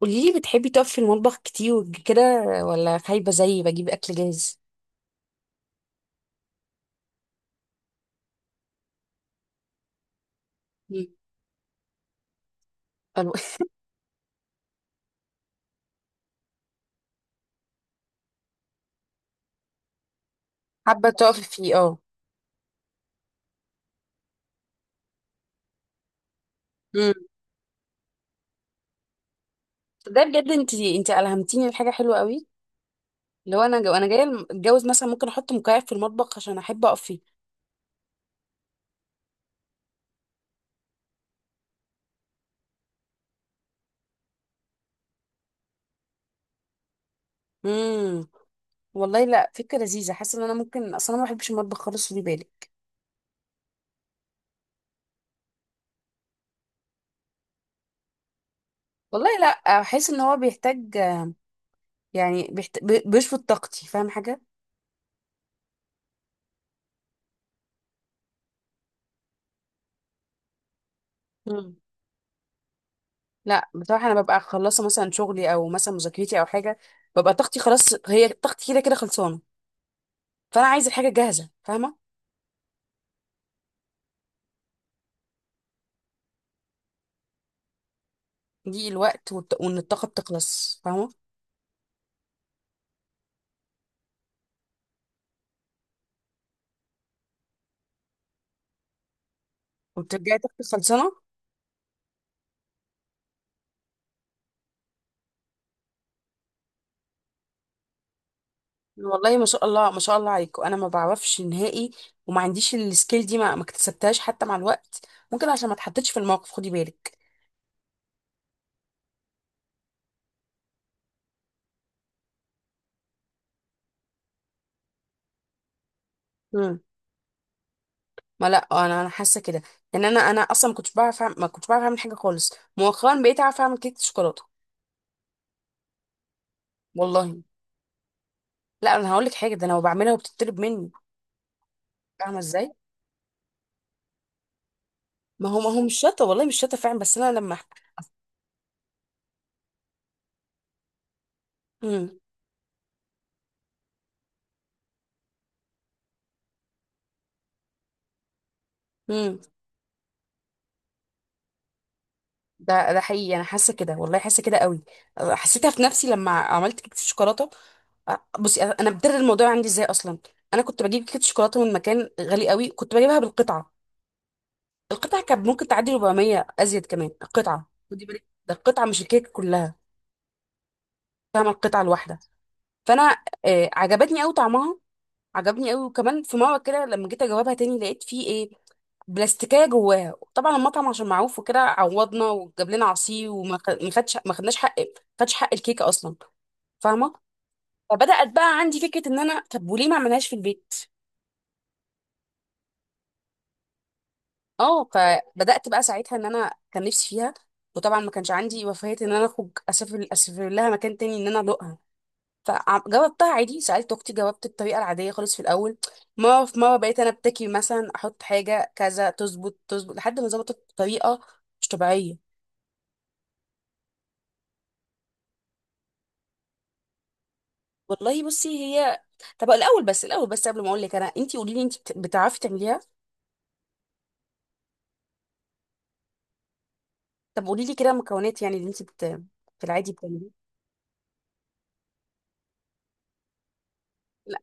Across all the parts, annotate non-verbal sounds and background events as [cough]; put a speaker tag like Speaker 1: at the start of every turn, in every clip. Speaker 1: قولي لي، بتحبي تقفي في المطبخ كتير كده، ولا خايبة زيي بجيب أكل جاهز؟ مم. ألو- [laughs] حابة تقفي فيه اه. مم. ده بجد انت ألهمتيني لحاجة حلوة قوي. لو انا جو انا جاية الم- اتجوز مثلا ممكن احط مكيف في المطبخ عشان احب اقف فيه. امم، والله لا، فكرة لذيذة. حاسة ان انا ممكن، اصلا انا ما بحبش المطبخ خالص، خدي بالك. والله لا، احس ان هو بيحتاج، يعني بيشفط طاقتي، فاهم حاجة؟ لا بصراحة، أنا ببقى خلصت مثلا شغلي أو مثلا مذاكرتي أو حاجة، ببقى طاقتي خلاص. هي طاقتي كده كده خلصانة، فأنا عايزة الحاجة جاهزة، فاهمة؟ دي الوقت وإن الطاقة بتخلص، فاهمة؟ وبترجعي طاقتك خلصانة. والله ما شاء الله، ما شاء الله عليكم، أنا ما بعرفش نهائي وما عنديش السكيل دي، ما اكتسبتهاش حتى مع الوقت. ممكن عشان ما اتحطيتش في الموقف، خدي بالك. مم. ما لا، انا حاسه كده. يعني انا اصلا ما كنتش بعرف اعمل حاجه خالص، مؤخرا بقيت اعرف اعمل كيكه شوكولاته. والله لا، انا هقول لك حاجه، ده انا لو بعملها وبتطلب مني، فاهمه ازاي؟ ما هو مش شاطه، والله مش شاطه فعلا، بس انا لما. امم. امم. ده حقيقي، انا حاسه كده، والله حاسه كده قوي. حسيتها في نفسي لما عملت كيكه الشوكولاته. بصي، انا بدر الموضوع عندي ازاي اصلا. انا كنت بجيب كيكه شوكولاته من مكان غالي قوي، كنت بجيبها بالقطعه. القطعه كانت ممكن تعدي 400 ازيد كمان القطعه. خدي بالك، ده القطعه مش الكيكه كلها، فاهمه؟ القطعه الواحده. فانا عجبتني قوي طعمها، عجبني قوي. وكمان في مره كده لما جيت اجاوبها تاني لقيت فيه ايه، بلاستيكيه جواها. طبعا المطعم عشان معروف وكده عوضنا وجاب لنا عصير، وما خ- ما خدش ما خدناش حق، ما خدش حق الكيكه اصلا، فاهمه؟ فبدات بقى عندي فكره ان انا، طب وليه ما اعملهاش في البيت. اه، فبدات بقى ساعتها ان انا كان نفسي فيها، وطبعا ما كانش عندي رفاهيه ان انا اخرج اسافر لها مكان تاني ان انا ادوقها. فجاوبتها عادي، سألت أختي، جاوبت الطريقة العادية خالص في الأول. مرة في مرة بقيت أنا أبتكي مثلا أحط حاجة كذا، تظبط لحد ما ظبطت بطريقة مش طبيعية. والله بصي، هي. طب الأول بس، الأول بس قبل ما أقول لك أنا، أنتي قولي لي، أنتي بتعرفي تعمليها؟ طب قولي لي كده مكونات يعني اللي أنتي في العادي بتعمليها. لا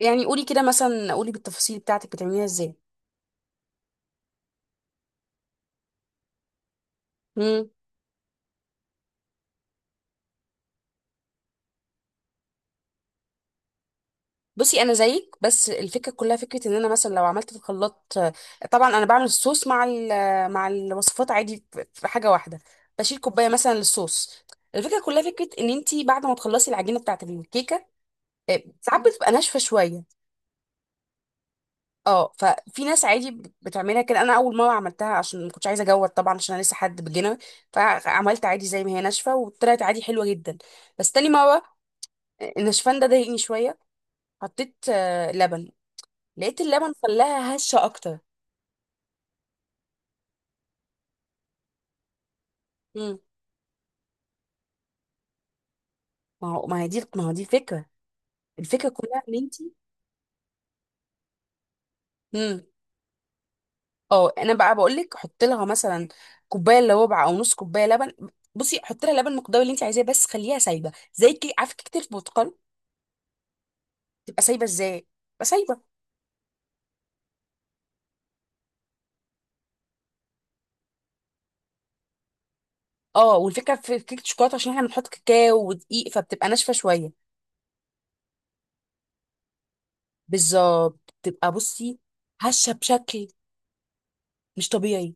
Speaker 1: يعني قولي كده مثلا، قولي بالتفاصيل بتاعتك بتعمليها إزاي. بصي انا زيك، بس الفكره كلها فكره ان انا مثلا لو عملت في الخلاط. طبعا انا بعمل الصوص مع الوصفات عادي في حاجه واحده، بشيل كوبايه مثلا للصوص. الفكره كلها فكره ان انت بعد ما تخلصي العجينه بتاعت الكيكه، ساعات بتبقى ناشفه شويه. اه، ففي ناس عادي بتعملها كده. انا اول مره عملتها عشان ما كنتش عايزه اجود طبعا، عشان انا لسه حد بجنة، فعملت عادي زي ما هي ناشفه وطلعت عادي حلوه جدا. بس تاني مره النشفان ده ضايقني شويه، حطيت لبن، لقيت اللبن خلاها هشه اكتر. امم. ما هو دي الفكره، الفكره كلها ان انت. امم. اه انا بقى بقول لك، حط لها مثلا كوبايه الا ربع او نص كوبايه لبن. بصي حط لها لبن المقدار اللي انت عايزاه، بس خليها سايبه زي، كي عارفه كيكه البرتقال تبقى سايبه ازاي؟ تبقى سايبه. اه، والفكره في كيكه الشوكولاته عشان احنا بنحط كاكاو ودقيق، فبتبقى ناشفه شويه. بالظبط، بتبقى بصي هشه بشكل مش طبيعي،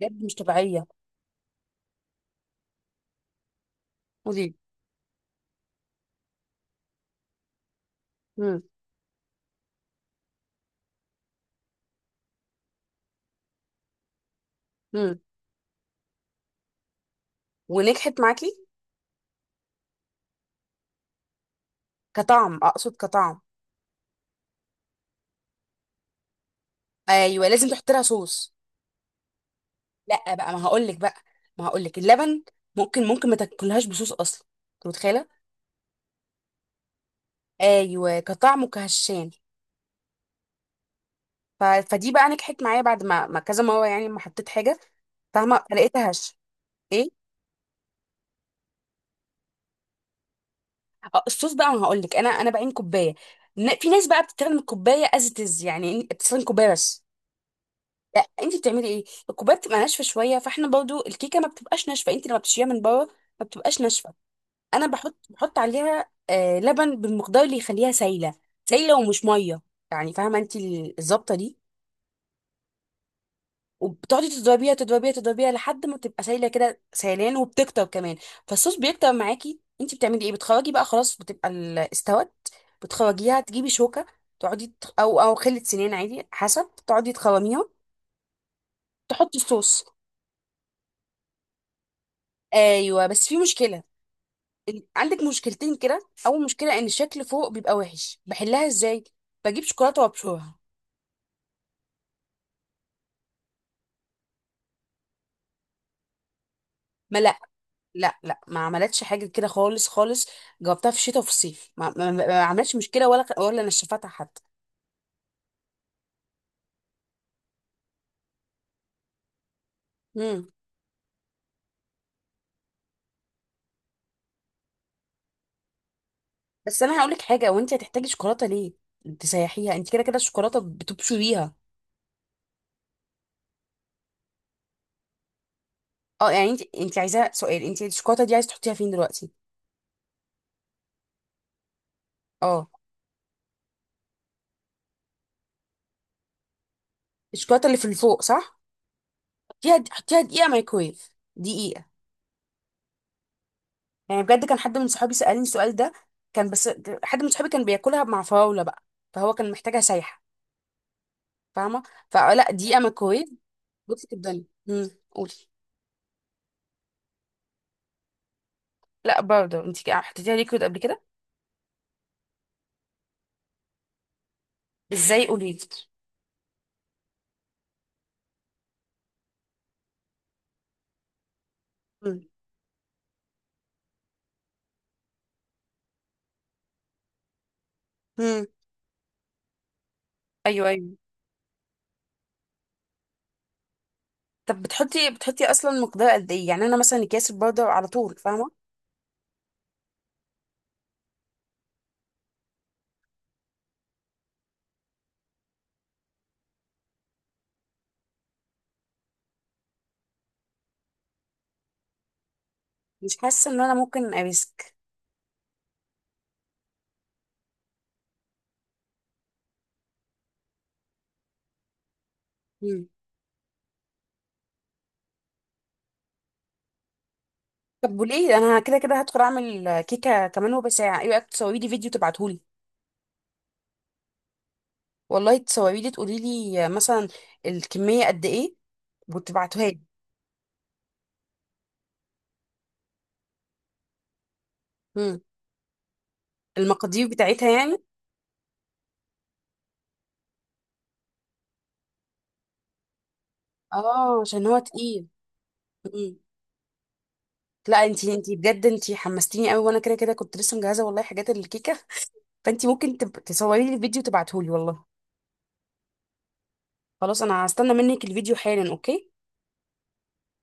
Speaker 1: بجد مش طبيعيه. ودي. امم. امم. ونجحت معاكي؟ كطعم، اقصد كطعم. ايوه لازم تحط لها صوص. لا بقى، ما هقول لك بقى، ما هقول لك اللبن ممكن، ممكن ما تاكلهاش بصوص اصلا، انت متخيله؟ ايوه كطعم وكهشان. فدي بقى نجحت معايا بعد ما كذا مره، يعني ما حطيت حاجه، فاهمه؟ فلقيتها هش. ايه. الصوص بقى ما هقول لك، انا انا بعين كوبايه. في ناس بقى بتستخدم الكوبايه از تز، يعني بتستخدم كوبايه بس. لا انت بتعملي ايه؟ الكوبايه بتبقى ناشفه شويه، فاحنا برضو الكيكه ما بتبقاش ناشفه، انت لما بتشيليها من بره ما بتبقاش ناشفه. انا بحط عليها آه لبن بالمقدار اللي يخليها سايله، سايله ومش ميه، يعني فاهمه انت الظبطه دي. وبتقعدي تضربيها تضربيها تضربيها لحد ما تبقى سايله كده سيلان وبتكتر كمان، فالصوص بيكتر معاكي. انت بتعملي ايه؟ بتخرجي بقى خلاص، بتبقى استوت، بتخرجيها، تجيبي شوكه، تقعدي او او خله سنان عادي حسب، تقعدي تخرميها، تحطي الصوص. ايوه بس في مشكله، عندك مشكلتين كده. اول مشكله ان الشكل فوق بيبقى وحش، بحلها ازاي؟ بجيب شوكولاته وابشرها. ما لا، لا ما عملتش حاجه كده خالص خالص. جاوبتها في الشتاء وفي الصيف، ما عملتش مشكله ولا ولا نشفتها حتى. امم. بس انا هقول لك حاجه، وانت هتحتاجي شوكولاته ليه تسيحيها؟ انت كده كده الشوكولاته بتبشريها بيها. اه يعني انت عايزاها سؤال، انت الشوكولاته دي عايز تحطيها فين دلوقتي؟ اه، الشوكولاته اللي في الفوق، صح؟ حطيها دقيقه مايكرويف، دقيقه. يعني بجد كان حد من صحابي سالني السؤال ده. كان بس، حد من صحابي كان بياكلها مع فراوله بقى، فهو كان محتاجها سايحه، فاهمه؟ فلا، دقيقه مايكرويف. بصي تبدلي، امم، قولي. لا باودر، انت حطيتيها ليكويد قبل كده؟ ازاي، قولي لي. امم. امم. ايوه ايوه. طب بتحطي اصلا مقدار قد ايه؟ يعني انا مثلا اكياس الباودر على طول، فاهمه؟ مش حاسه ان انا ممكن اريسك. امم. طب وليه؟ انا كده كده هدخل اعمل كيكه كمان ربع ساعه، ايه رايك تصوري لي فيديو تبعتهولي؟ والله تصوري لي، تقولي لي مثلا الكميه قد ايه، وتبعتوها لي. امم. المقادير بتاعتها يعني. اه عشان هو تقيل. مم. لا انتي، انتي بجد حمستيني قوي، وانا كده كده كنت لسه مجهزه والله حاجات الكيكه، فانتي ممكن تصوري لي الفيديو تبعتهولي والله. خلاص انا هستنى منك الفيديو حالا، اوكي؟